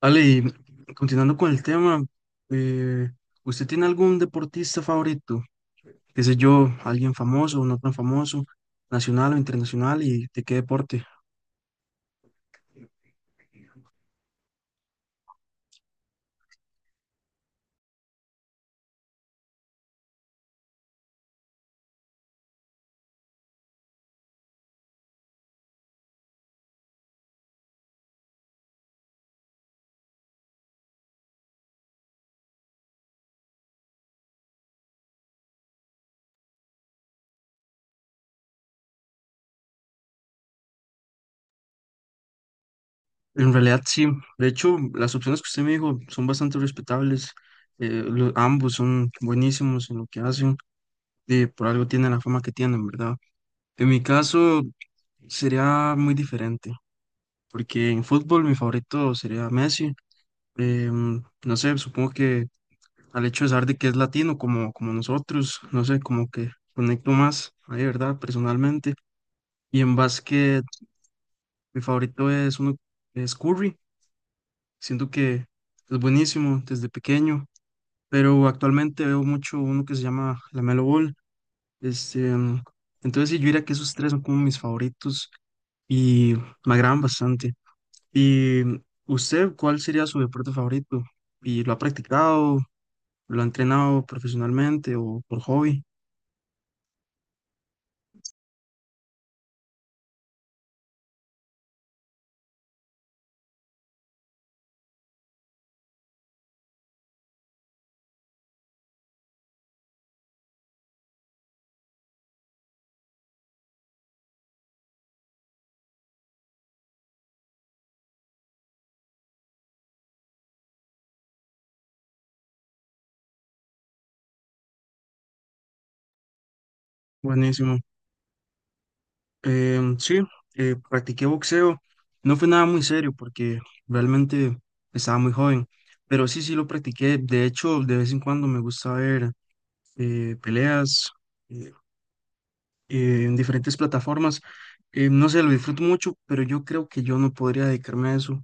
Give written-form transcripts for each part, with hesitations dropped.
Ale, y continuando con el tema, eh, ¿usted tiene algún deportista favorito? ¿Qué sé yo, alguien famoso o no tan famoso, nacional o internacional y de qué deporte? En realidad sí, de hecho las opciones que usted me dijo son bastante respetables, ambos son buenísimos en lo que hacen, y por algo tienen la fama que tienen, ¿verdad? En mi caso sería muy diferente, porque en fútbol mi favorito sería Messi. No sé, supongo que al hecho de saber de que es latino como nosotros, no sé, como que conecto más, ahí, ¿verdad? Personalmente. Y en básquet, mi favorito es uno, es Curry, siento que es buenísimo desde pequeño, pero actualmente veo mucho uno que se llama LaMelo Ball. este, mm, entonces sí, yo diría que esos tres son como mis favoritos y me agradan bastante. ¿Y usted cuál sería su deporte favorito? ¿Y lo ha practicado? ¿Lo ha entrenado profesionalmente o por hobby? Buenísimo. Sí, practiqué boxeo. No fue nada muy serio porque realmente estaba muy joven, pero sí lo practiqué. De hecho, de vez en cuando me gusta ver peleas eh, en diferentes plataformas. No sé, lo disfruto mucho, pero yo creo que yo no podría dedicarme a eso,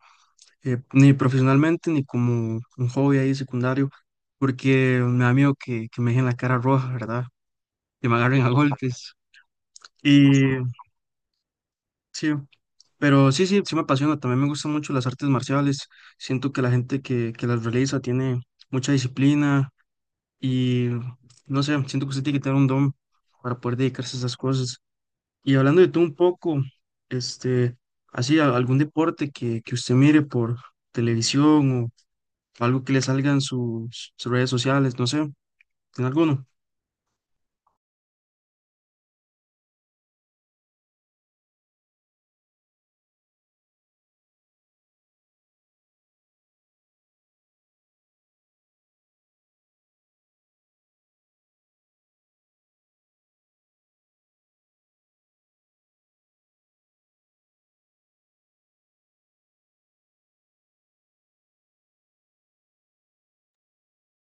ni profesionalmente, ni como un hobby ahí secundario, porque me da miedo que me dejen la cara roja, ¿verdad? Que me agarren a golpes. Y sí, pero sí me apasiona. También me gustan mucho las artes marciales. Siento que la gente que las realiza tiene mucha disciplina y no sé, siento que usted tiene que tener un don para poder dedicarse a esas cosas. Y hablando de tú un poco, este, así, algún deporte que usted mire por televisión o algo que le salga en sus redes sociales, no sé, ¿tiene alguno?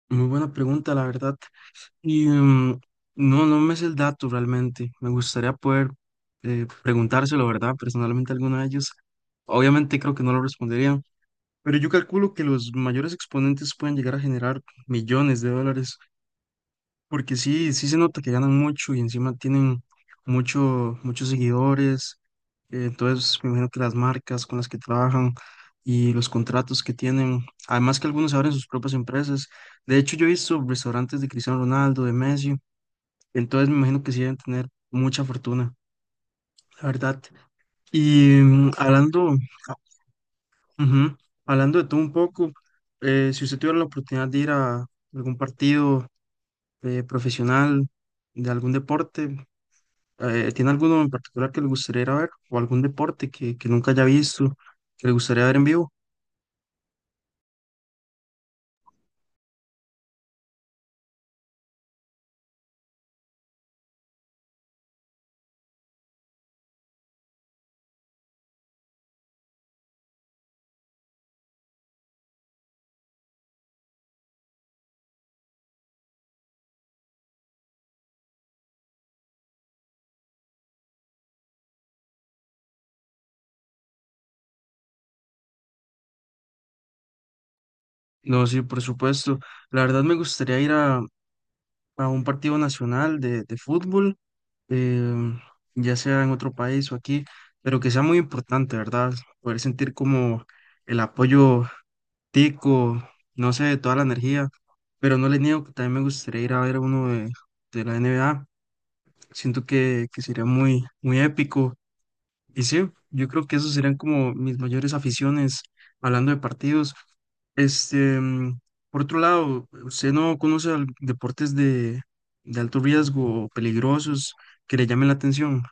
Muy buena pregunta, la verdad. Y no, no me es el dato realmente. Me gustaría poder preguntárselo, ¿verdad? Personalmente a alguno de ellos. Obviamente creo que no lo respondería pero yo calculo que los mayores exponentes pueden llegar a generar millones de dólares, porque sí, sí se nota que ganan mucho y encima tienen muchos seguidores. Entonces, me imagino que las marcas con las que trabajan y los contratos que tienen, además que algunos abren sus propias empresas. De hecho, yo he visto restaurantes de Cristiano Ronaldo, de Messi, entonces me imagino que sí deben tener mucha fortuna, la verdad. Y hablando, ujú, hablando de todo un poco, si usted tuviera la oportunidad de ir a algún partido profesional de algún deporte, ¿tiene alguno en particular que le gustaría ir a ver? ¿O algún deporte que nunca haya visto, que le gustaría ver en vivo? No, sí, por supuesto. La verdad me gustaría ir a un partido nacional de fútbol. em, ya sea en otro país o aquí, pero que sea muy importante, ¿verdad? Poder sentir como el apoyo tico, no sé, toda la energía, pero no les niego que también me gustaría ir a ver a uno de la NBA, siento que sería muy, muy épico, y sí, yo creo que esos serían como mis mayores aficiones, hablando de partidos. este, mm, por otro lado, ¿usted no conoce deportes de alto riesgo o peligrosos que le llamen la atención?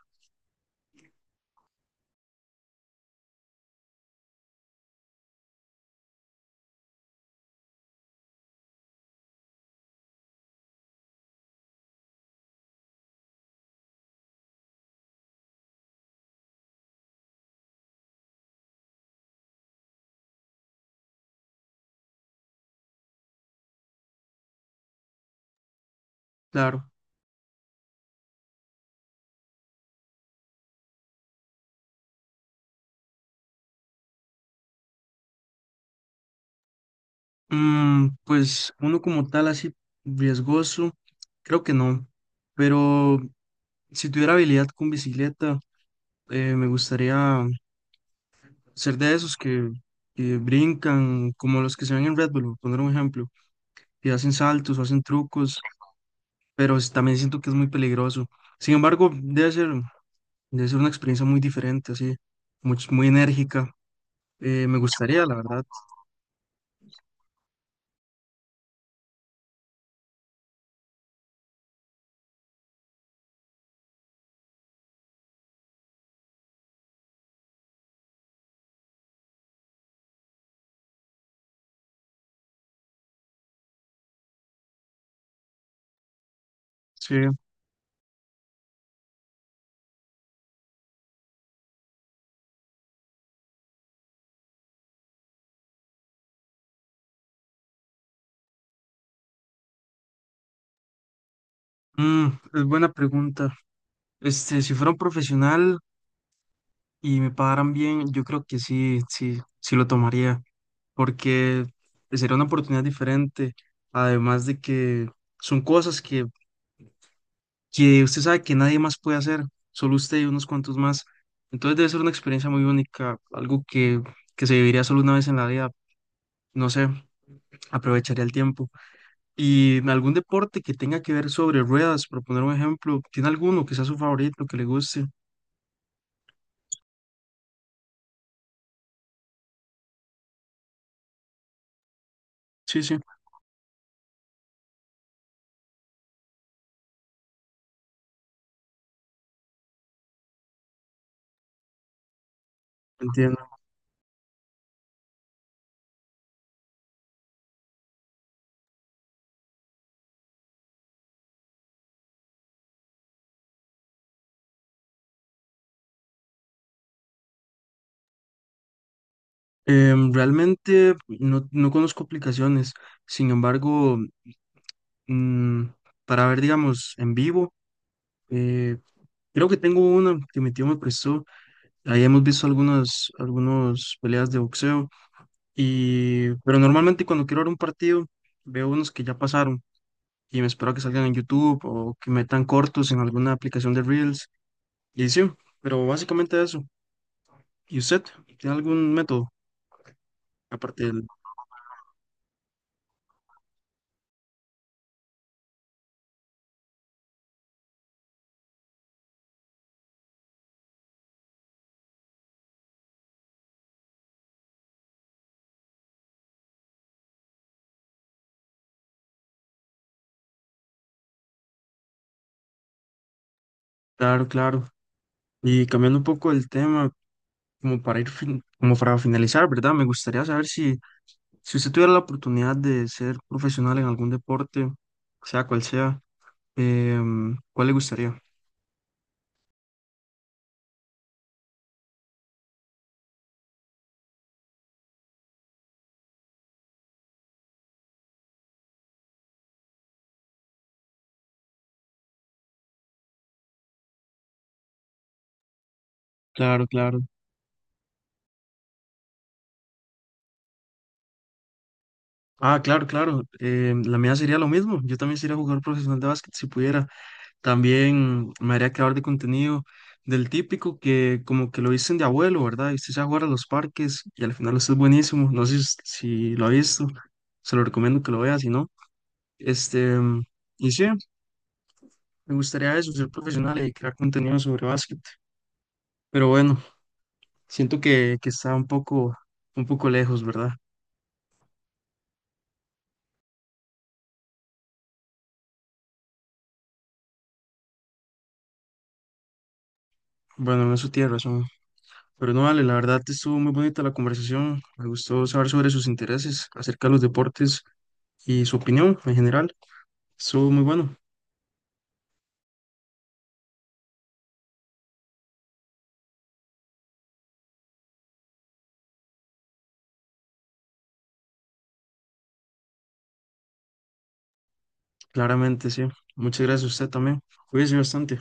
Claro. Pues uno como tal así riesgoso, creo que no. Pero si tuviera habilidad con bicicleta, me gustaría ser de esos que brincan, como los que se ven en Red Bull, por poner un ejemplo, que hacen saltos o hacen trucos, pero también siento que es muy peligroso. Sin embargo, debe ser una experiencia muy diferente, así, muy enérgica. Me gustaría, la verdad. Sí. Mm, es buena pregunta. Si fuera un profesional y me pagaran bien, yo creo que sí, sí lo tomaría, porque sería una oportunidad diferente, además de que son cosas que usted sabe que nadie más puede hacer, solo usted y unos cuantos más. Entonces debe ser una experiencia muy única, algo que se viviría solo una vez en la vida, no sé, aprovecharía el tiempo. Y en algún deporte que tenga que ver sobre ruedas, por poner un ejemplo, ¿tiene alguno que sea su favorito, que le guste? Sí, sí, entiendo. Realmente no, no conozco aplicaciones, sin embargo, mm, para ver, digamos, en vivo, eh, creo que tengo una que mi tío me prestó. Ahí hemos visto algunas peleas de boxeo, y, pero normalmente cuando quiero ver un partido, veo unos que ya pasaron y me espero a que salgan en YouTube o que metan cortos en alguna aplicación de Reels. Y sí, pero básicamente eso. ¿Y usted tiene algún método aparte del... Claro, claro. Y cambiando un poco el tema, como para ir, como para finalizar, ¿verdad? Me gustaría saber si, si usted tuviera la oportunidad de ser profesional en algún deporte, sea cual sea, ¿cuál le gustaría? Claro, claro. Ah, claro, claro. La mía sería lo mismo. Yo también sería jugador profesional de básquet si pudiera. También me haría creador de contenido del típico que como que lo dicen de abuelo, ¿verdad? Y usted se va a jugar a los parques y al final usted es buenísimo. No sé si lo ha visto. Se lo recomiendo que lo vea, si no. Este, em, y sí, me gustaría eso, ser profesional y crear contenido sobre básquet. Pero bueno, siento que está un poco lejos, ¿verdad? Bueno, en eso tiene razón. Pero no vale, la verdad estuvo muy bonita la conversación. Me gustó saber sobre sus intereses acerca de los deportes y su opinión en general. Estuvo muy bueno, claramente, sí. Muchas gracias a usted también. Cuídese bastante.